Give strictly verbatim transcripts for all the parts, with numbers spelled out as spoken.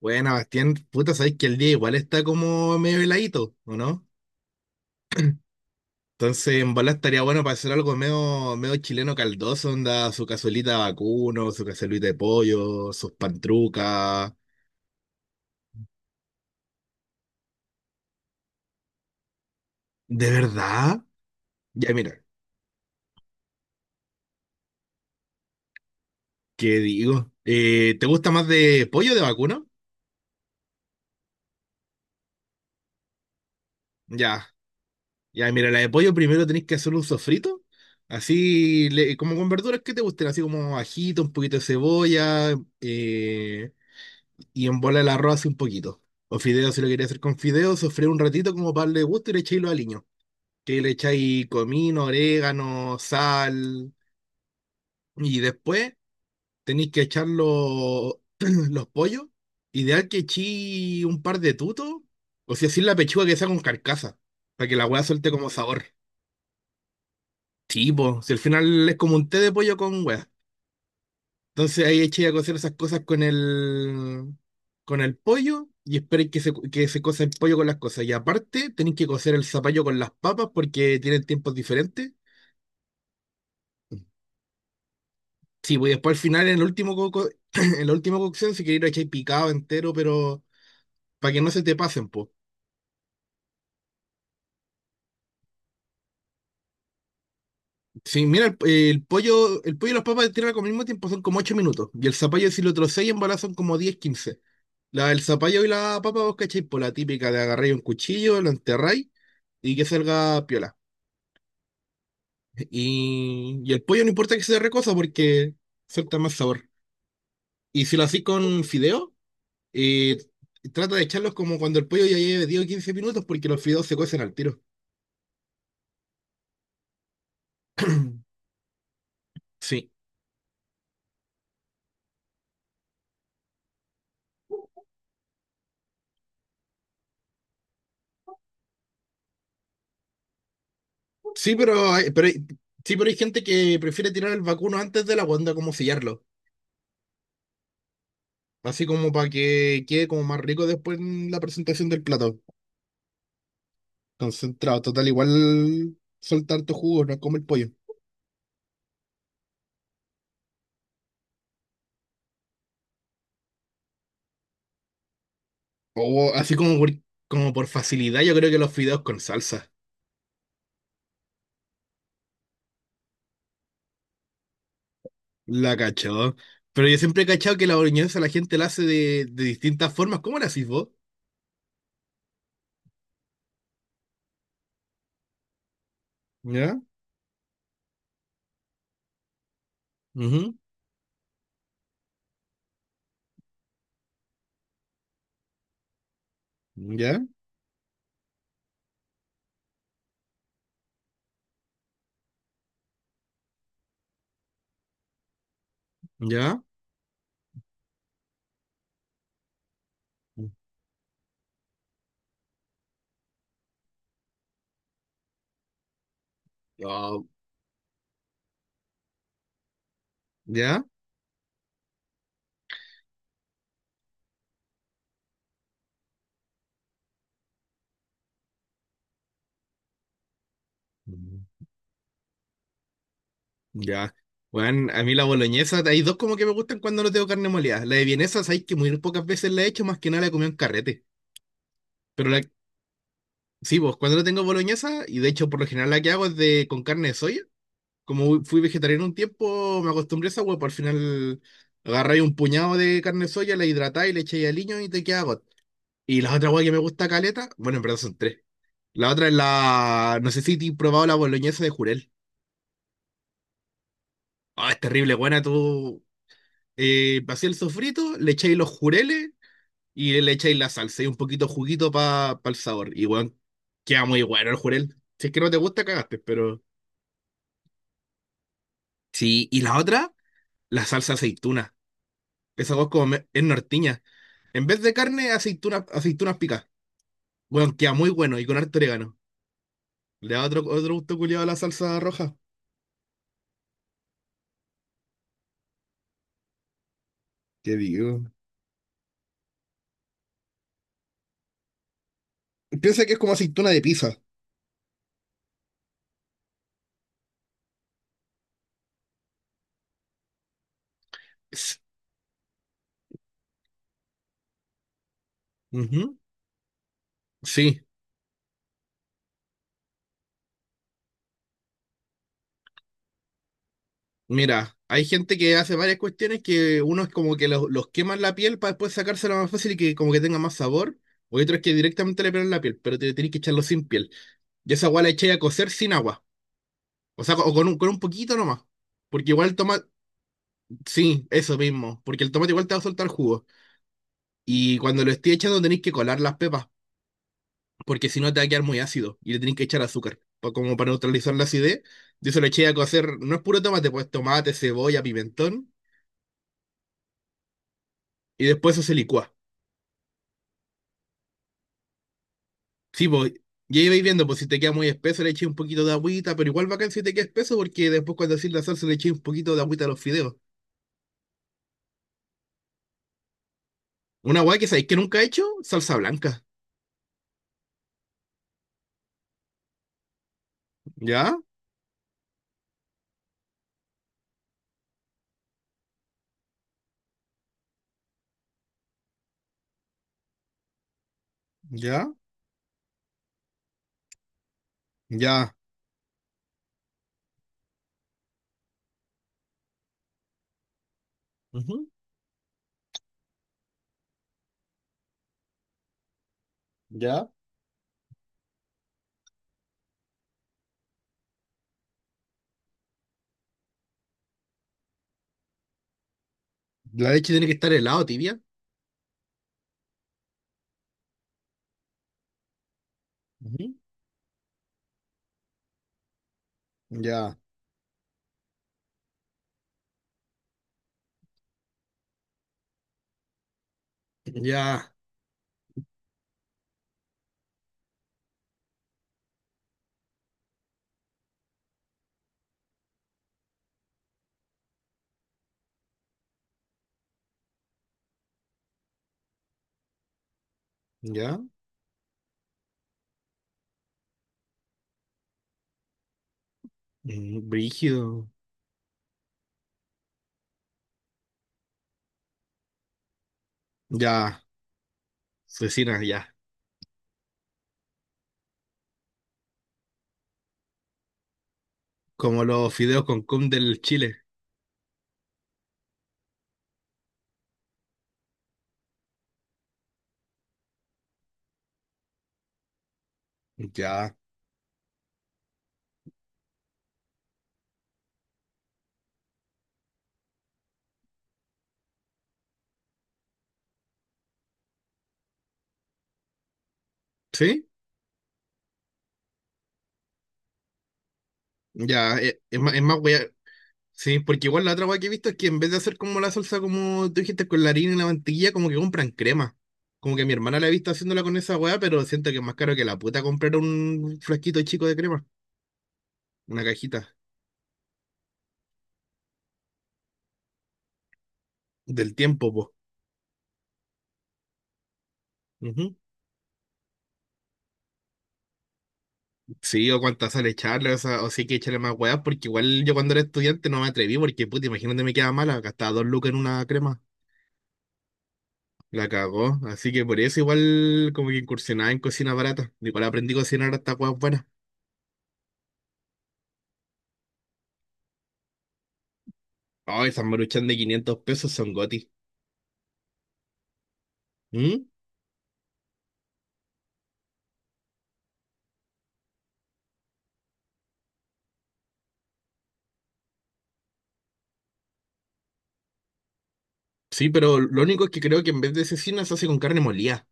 Bueno, Bastián, puta, sabéis que el día igual está como medio heladito, ¿o no? Entonces, en bola estaría bueno para hacer algo medio, medio chileno caldoso, onda, su cazuelita de vacuno, su cazuelita de pollo, sus pantrucas. ¿De verdad? Ya, mira, ¿qué digo? Eh, ¿te gusta más de pollo o de vacuno? Ya, ya, mira, la de pollo primero tenéis que hacer un sofrito, así, le- como con verduras que te gusten, así como ajito, un poquito de cebolla, eh, y en bola el arroz hace un poquito. O fideos, si lo quería hacer con fideos, sofré un ratito como para darle gusto y le echáis los aliños. Que le echáis comino, orégano, sal. Y después tenéis que echar los, los pollos. Ideal que echéis un par de tutos. O si así la pechuga que sea con carcasa. Para que la hueá suelte como sabor. Tipo, si al final es como un té de pollo con hueá. Entonces ahí echáis a cocer esas cosas con el, con el pollo y esperéis que se, que se cosa el pollo con las cosas. Y aparte tenéis que cocer el zapallo con las papas porque tienen tiempos diferentes. Sí, pues después al final, en el último co- co- en la última cocción, si queréis lo echáis picado entero, pero para que no se te pasen, pues. Sí, mira, el, el pollo, el pollo y las papas de tierra con el mismo tiempo son como ocho minutos. Y el zapallo, si lo trocéis en bolas, son como diez quince. La, el zapallo y la papa vos cacháis por la típica de agarrar un cuchillo, lo enterráis y que salga piola. Y, y el pollo no importa que sea recosa porque suelta más sabor. Y si lo hacís con fideo, eh, trata de echarlos como cuando el pollo ya lleve diez o quince minutos porque los fideos se cuecen al tiro. Sí. Sí, pero, hay- pero, hay- sí, pero hay gente que prefiere tirar el vacuno antes de la onda como sellarlo. Así como para que quede como más rico después en la presentación del plato. Concentrado, total, igual soltar tu jugo, no es como el pollo. O así como por, como por facilidad, yo creo que los fideos con salsa. La cachó. Pero yo siempre he cachado que la boloñesa la gente la hace de, de distintas formas. ¿Cómo la hacís vos? ¿Ya? Ujú. ¿Ya? ¿Ya? Ah. ¿Ya? Mm. Ya. Bueno, a mí la boloñesa, hay dos como que me gustan cuando no tengo carne molida. La de vienesa, sabéis que muy pocas veces la he hecho, más que nada la he comido en carrete. Pero la, sí, vos, cuando no tengo boloñesa, y de hecho por lo general la que hago es de con carne de soya. Como fui vegetariano un tiempo, me acostumbré a esa hueá, pues al final agarráis un puñado de carne de soya, la hidratáis, le echáis aliño y te queda got. Y la otra hueá que me gusta caleta, bueno, en verdad son tres. La otra es la, no sé si te he probado la boloñesa de jurel. Ah, es terrible, buena, tú eh, vacías el sofrito, le echáis los jureles y le echáis la salsa y un poquito de juguito para el sabor. Y bueno, queda muy bueno el jurel. Si es que no te gusta, cagaste, pero... Sí, y la otra, la salsa aceituna. Esa hueá es como me- es nortiña. En vez de carne, aceitunas, aceitunas picadas. Bueno, queda muy bueno y con harto orégano. Le da otro, otro gusto culiado a la salsa roja. ¿Qué digo? Piensa que es como aceituna de pizza. Es- Ujú. Sí, mira, hay gente que hace varias cuestiones que uno es como que los, los queman la piel para después sacársela más fácil y que como que tenga más sabor. O hay otros que directamente le pegan la piel, pero te tenés que echarlo sin piel. Yo esa agua la eché a cocer sin agua. O sea, o con un, con un poquito nomás. Porque igual el tomate. Sí, eso mismo. Porque el tomate igual te va a soltar jugo. Y cuando lo esté echando tenéis que colar las pepas, porque si no te va a quedar muy ácido y le tenéis que echar azúcar, pa- como para neutralizar la acidez. Yo eso le eché a cocer, no es puro tomate, pues tomate, cebolla, pimentón, y después eso se licúa. Sí, pues, y ahí vais viendo, pues si te queda muy espeso le eché un poquito de agüita, pero igual bacán si te queda espeso, porque después cuando hacís la salsa le eché un poquito de agüita a los fideos. Una guay que sabéis que nunca he hecho, salsa blanca. ¿Ya? ¿Ya? ¿Ya? Ujú. ¿Ya? La leche tiene que estar helada, tibia. Ujú. Ya. Ya. ¿Ya? Mm, brígido. Ya, cecina, ya. Como los fideos con cum del Chile. Ya. ¿Sí? Ya, e- es, más, es más wea- sí, porque igual la otra wea que he visto es que en vez de hacer como la salsa, como tú dijiste, con la harina y la mantequilla, como que compran crema. Como que mi hermana la he visto haciéndola con esa wea, pero siento que es más caro que la puta comprar un frasquito chico de crema. Una cajita. Del tiempo, po. Sí, o cuántas sale echarle, o sea, o sí hay que echarle más weas, porque igual yo cuando era estudiante no me atreví, porque puta, imagínate me quedaba mala, gastaba dos lucas en una crema, la cagó, así que por eso igual como que incursionaba en cocina barata, igual aprendí a cocinar hasta weas buenas. Ay, esas maruchan de quinientos pesos son goti. ¿Mm? Sí, pero lo único es que creo que en vez de cecina se hace con carne molida,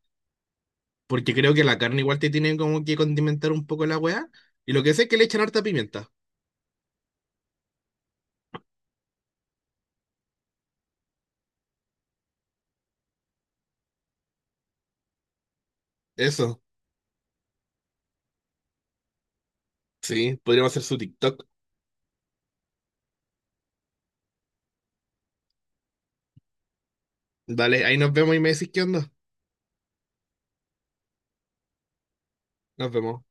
porque creo que la carne igual te tiene como que condimentar un poco la wea, y lo que sé es que le echan harta pimienta. Eso, sí, podríamos hacer su TikTok. Dale, ahí nos vemos y me decís qué onda. Nos vemos.